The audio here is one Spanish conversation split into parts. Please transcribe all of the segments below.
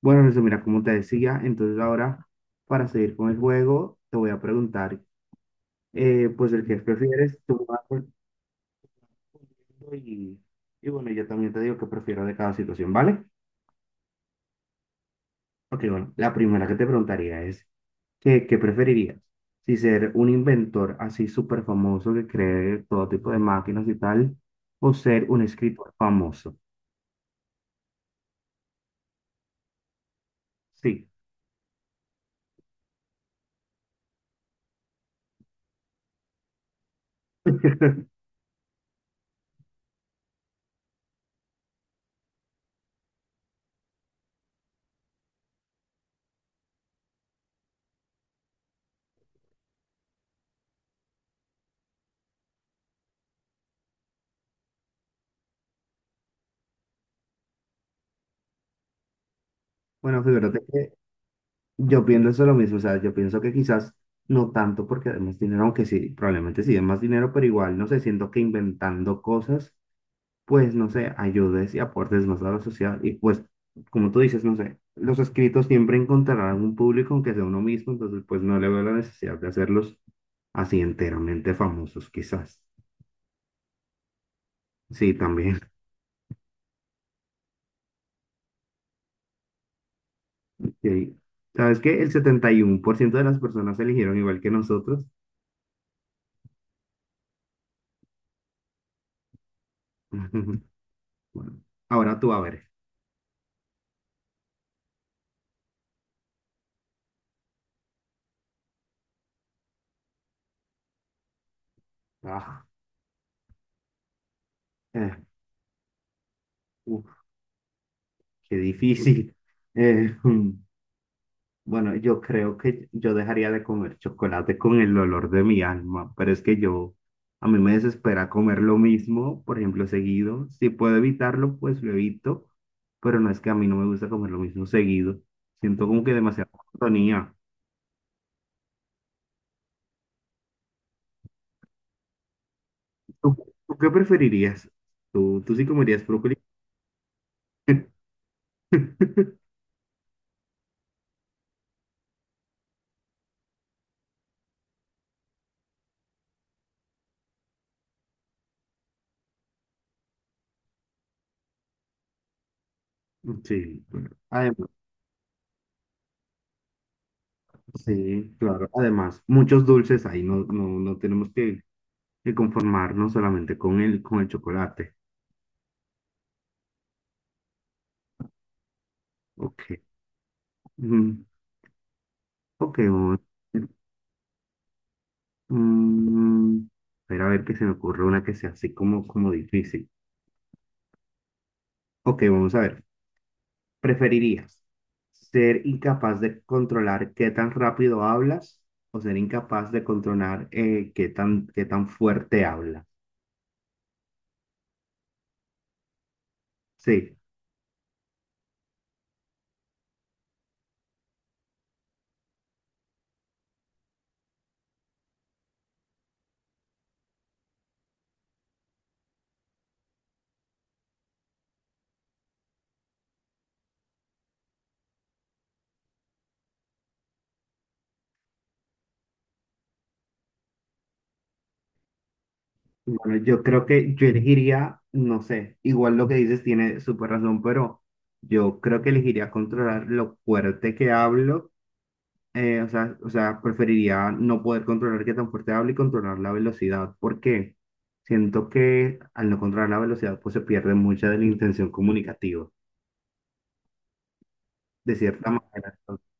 Bueno, Jesús, mira, como te decía, entonces ahora para seguir con el juego, te voy a preguntar, pues el que prefieres, tú me vas respondiendo y bueno, yo también te digo que prefiero de cada situación, ¿vale? Ok, bueno, la primera que te preguntaría es, ¿qué preferirías? ¿Si ser un inventor así súper famoso que cree todo tipo de máquinas y tal, o ser un escritor famoso? Sí. Bueno, fíjate. Yo pienso lo mismo, o sea, yo pienso que quizás no tanto porque den más dinero, aunque sí, probablemente sí den más dinero, pero igual, no sé, siento que inventando cosas, pues, no sé, ayudes y aportes más a la sociedad. Y pues, como tú dices, no sé, los escritos siempre encontrarán un público, aunque sea uno mismo, entonces, pues, no le veo la necesidad de hacerlos así enteramente famosos, quizás. Sí, también. Sí. ¿Sabes qué? El 71% de las personas eligieron igual que nosotros. Bueno, ahora tú a ver. Ah. Uf, qué difícil. Eh, bueno, yo creo que yo dejaría de comer chocolate con el olor de mi alma, pero es que yo, a mí me desespera comer lo mismo, por ejemplo, seguido. Si puedo evitarlo, pues lo evito, pero no es que a mí no me gusta comer lo mismo seguido. Siento como que demasiada monotonía. ¿Tú, tú qué preferirías? ¿Tú sí comerías brócoli? Sí, bueno, además, sí, claro. Además, muchos dulces ahí, no tenemos que y conformarnos solamente con el chocolate. Ok. Mm, ok. Vamos a ver. Mm, espera a ver que se me ocurre una que sea así como, como difícil. Ok, vamos a ver. ¿Preferirías ser incapaz de controlar qué tan rápido hablas o ser incapaz de controlar qué tan fuerte hablas? Sí. Bueno, yo creo que yo elegiría, no sé, igual lo que dices tiene súper razón, pero yo creo que elegiría controlar lo fuerte que hablo, o sea, preferiría no poder controlar qué tan fuerte hablo y controlar la velocidad, porque siento que al no controlar la velocidad, pues se pierde mucha de la intención comunicativa, de cierta manera.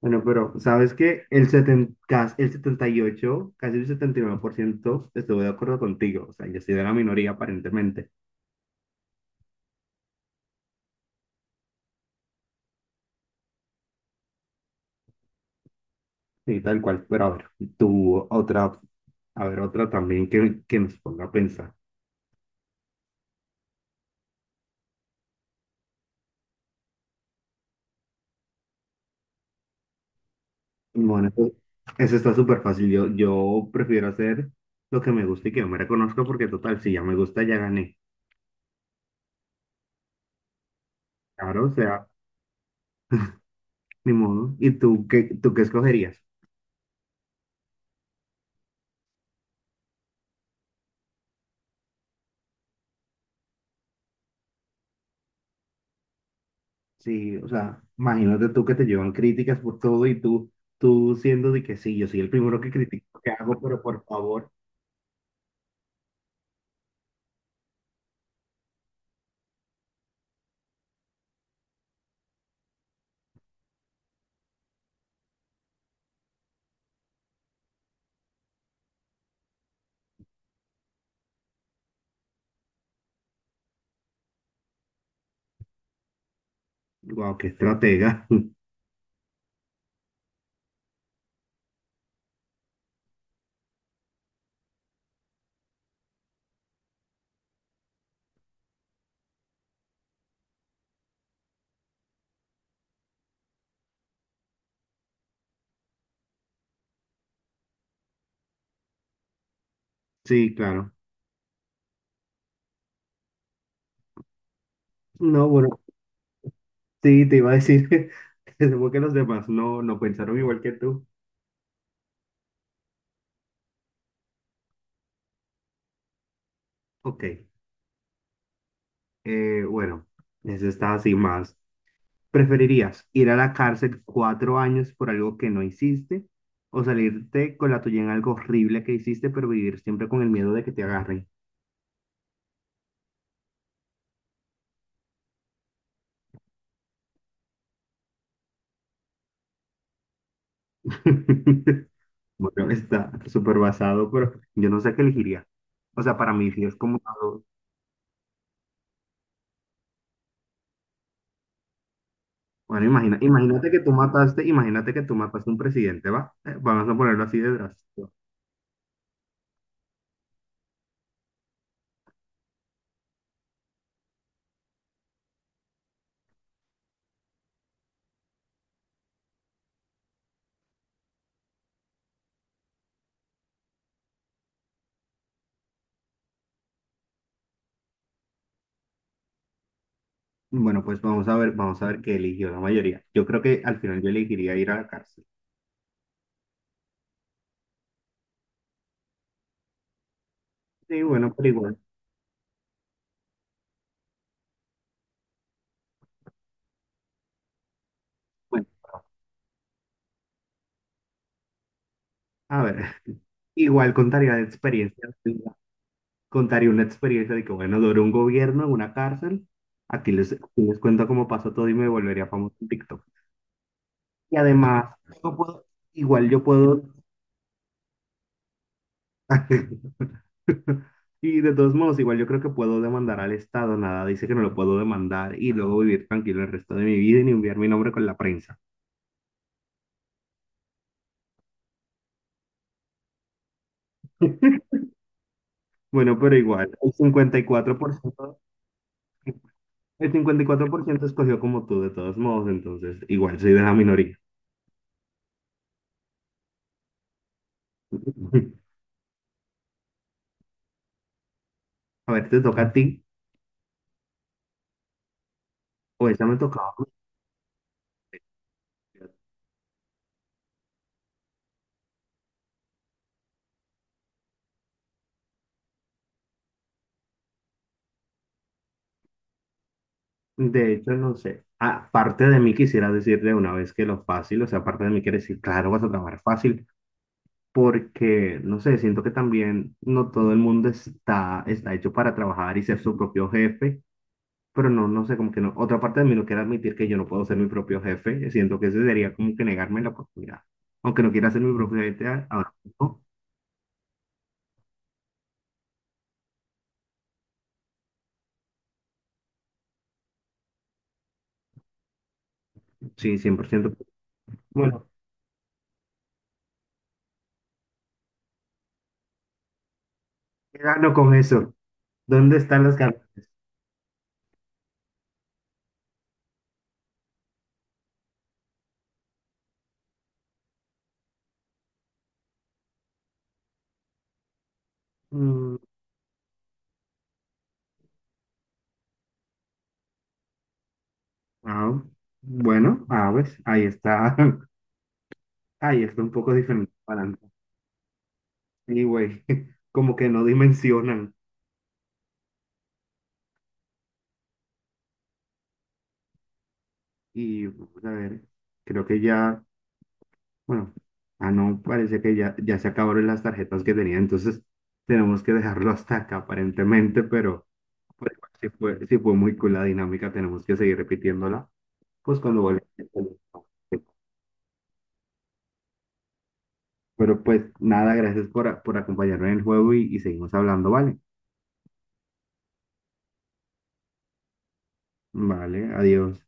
Bueno, pero ¿sabes qué? El 78, casi el 79% estuve de acuerdo contigo, o sea, yo soy de la minoría aparentemente. Sí, tal cual. Pero a ver, tú otra, a ver, otra también que nos ponga a pensar. Bueno, eso está súper fácil. Yo prefiero hacer lo que me gusta y que yo me reconozca porque total, si ya me gusta, ya gané. Claro, o sea, ni modo. ¿Y tú qué escogerías? Sí, o sea, imagínate tú que te llevan críticas por todo y tú siendo de que sí, yo soy el primero que critico, ¿qué hago? Pero por favor, wow, qué estratega. Sí, claro. No, bueno. Sí, te iba a decir, supongo que los demás no pensaron igual que tú. Ok, bueno, eso está así más. ¿Preferirías ir a la cárcel 4 años por algo que no hiciste o salirte con la tuya en algo horrible que hiciste, pero vivir siempre con el miedo de que te agarren? Bueno, está súper basado, pero yo no sé qué elegiría. O sea, para mí sí es como... algo- Bueno, imagina, imagínate que tú mataste a un presidente, ¿va? Vamos a ponerlo así de drástico. Bueno, pues vamos a ver qué eligió la mayoría. Yo creo que al final yo elegiría ir a la cárcel. Sí, bueno, pero igual. Bueno, a ver, igual contaría de experiencia, sí, contaría una experiencia de que, bueno, duró un gobierno en una cárcel. Aquí les cuento cómo pasó todo y me volvería famoso en TikTok. Y además, yo puedo- igual yo puedo, y de todos modos, igual yo creo que puedo demandar al Estado, nada, dice que no lo puedo demandar y luego vivir tranquilo el resto de mi vida y ni enviar mi nombre con la prensa. Bueno, pero igual, el 54%, el 54% escogió como tú, de todos modos, entonces igual soy de la minoría. A ver, ¿te toca a ti? O esa me tocaba. De hecho, no sé. Aparte de mí, quisiera decir de una vez que lo fácil, o sea, aparte de mí, quiere decir, claro, vas a trabajar fácil, porque, no sé, siento que también no todo el mundo está hecho para trabajar y ser su propio jefe. Pero no, no sé, como que no. Otra parte de mí no quiere admitir que yo no puedo ser mi propio jefe. Siento que eso sería como que negarme la oportunidad. Aunque no quiera ser mi propio jefe, ahora mismo, sí, 100%. Bueno, ¿qué gano con eso? ¿Dónde están las ganancias? Mm, ah, bueno, ah, ves, ahí está. Ahí está un poco diferente. Para antes. Anyway, como que no dimensionan. Y, vamos a ver, creo que ya. Bueno, ah, no, parece que ya se acabaron las tarjetas que tenía, entonces tenemos que dejarlo hasta acá aparentemente, pero pues, si fue muy cool la dinámica, tenemos que seguir repitiéndola, pues cuando vuelva. Pero pues nada, gracias por acompañarme en el juego y seguimos hablando, ¿vale? Vale, adiós.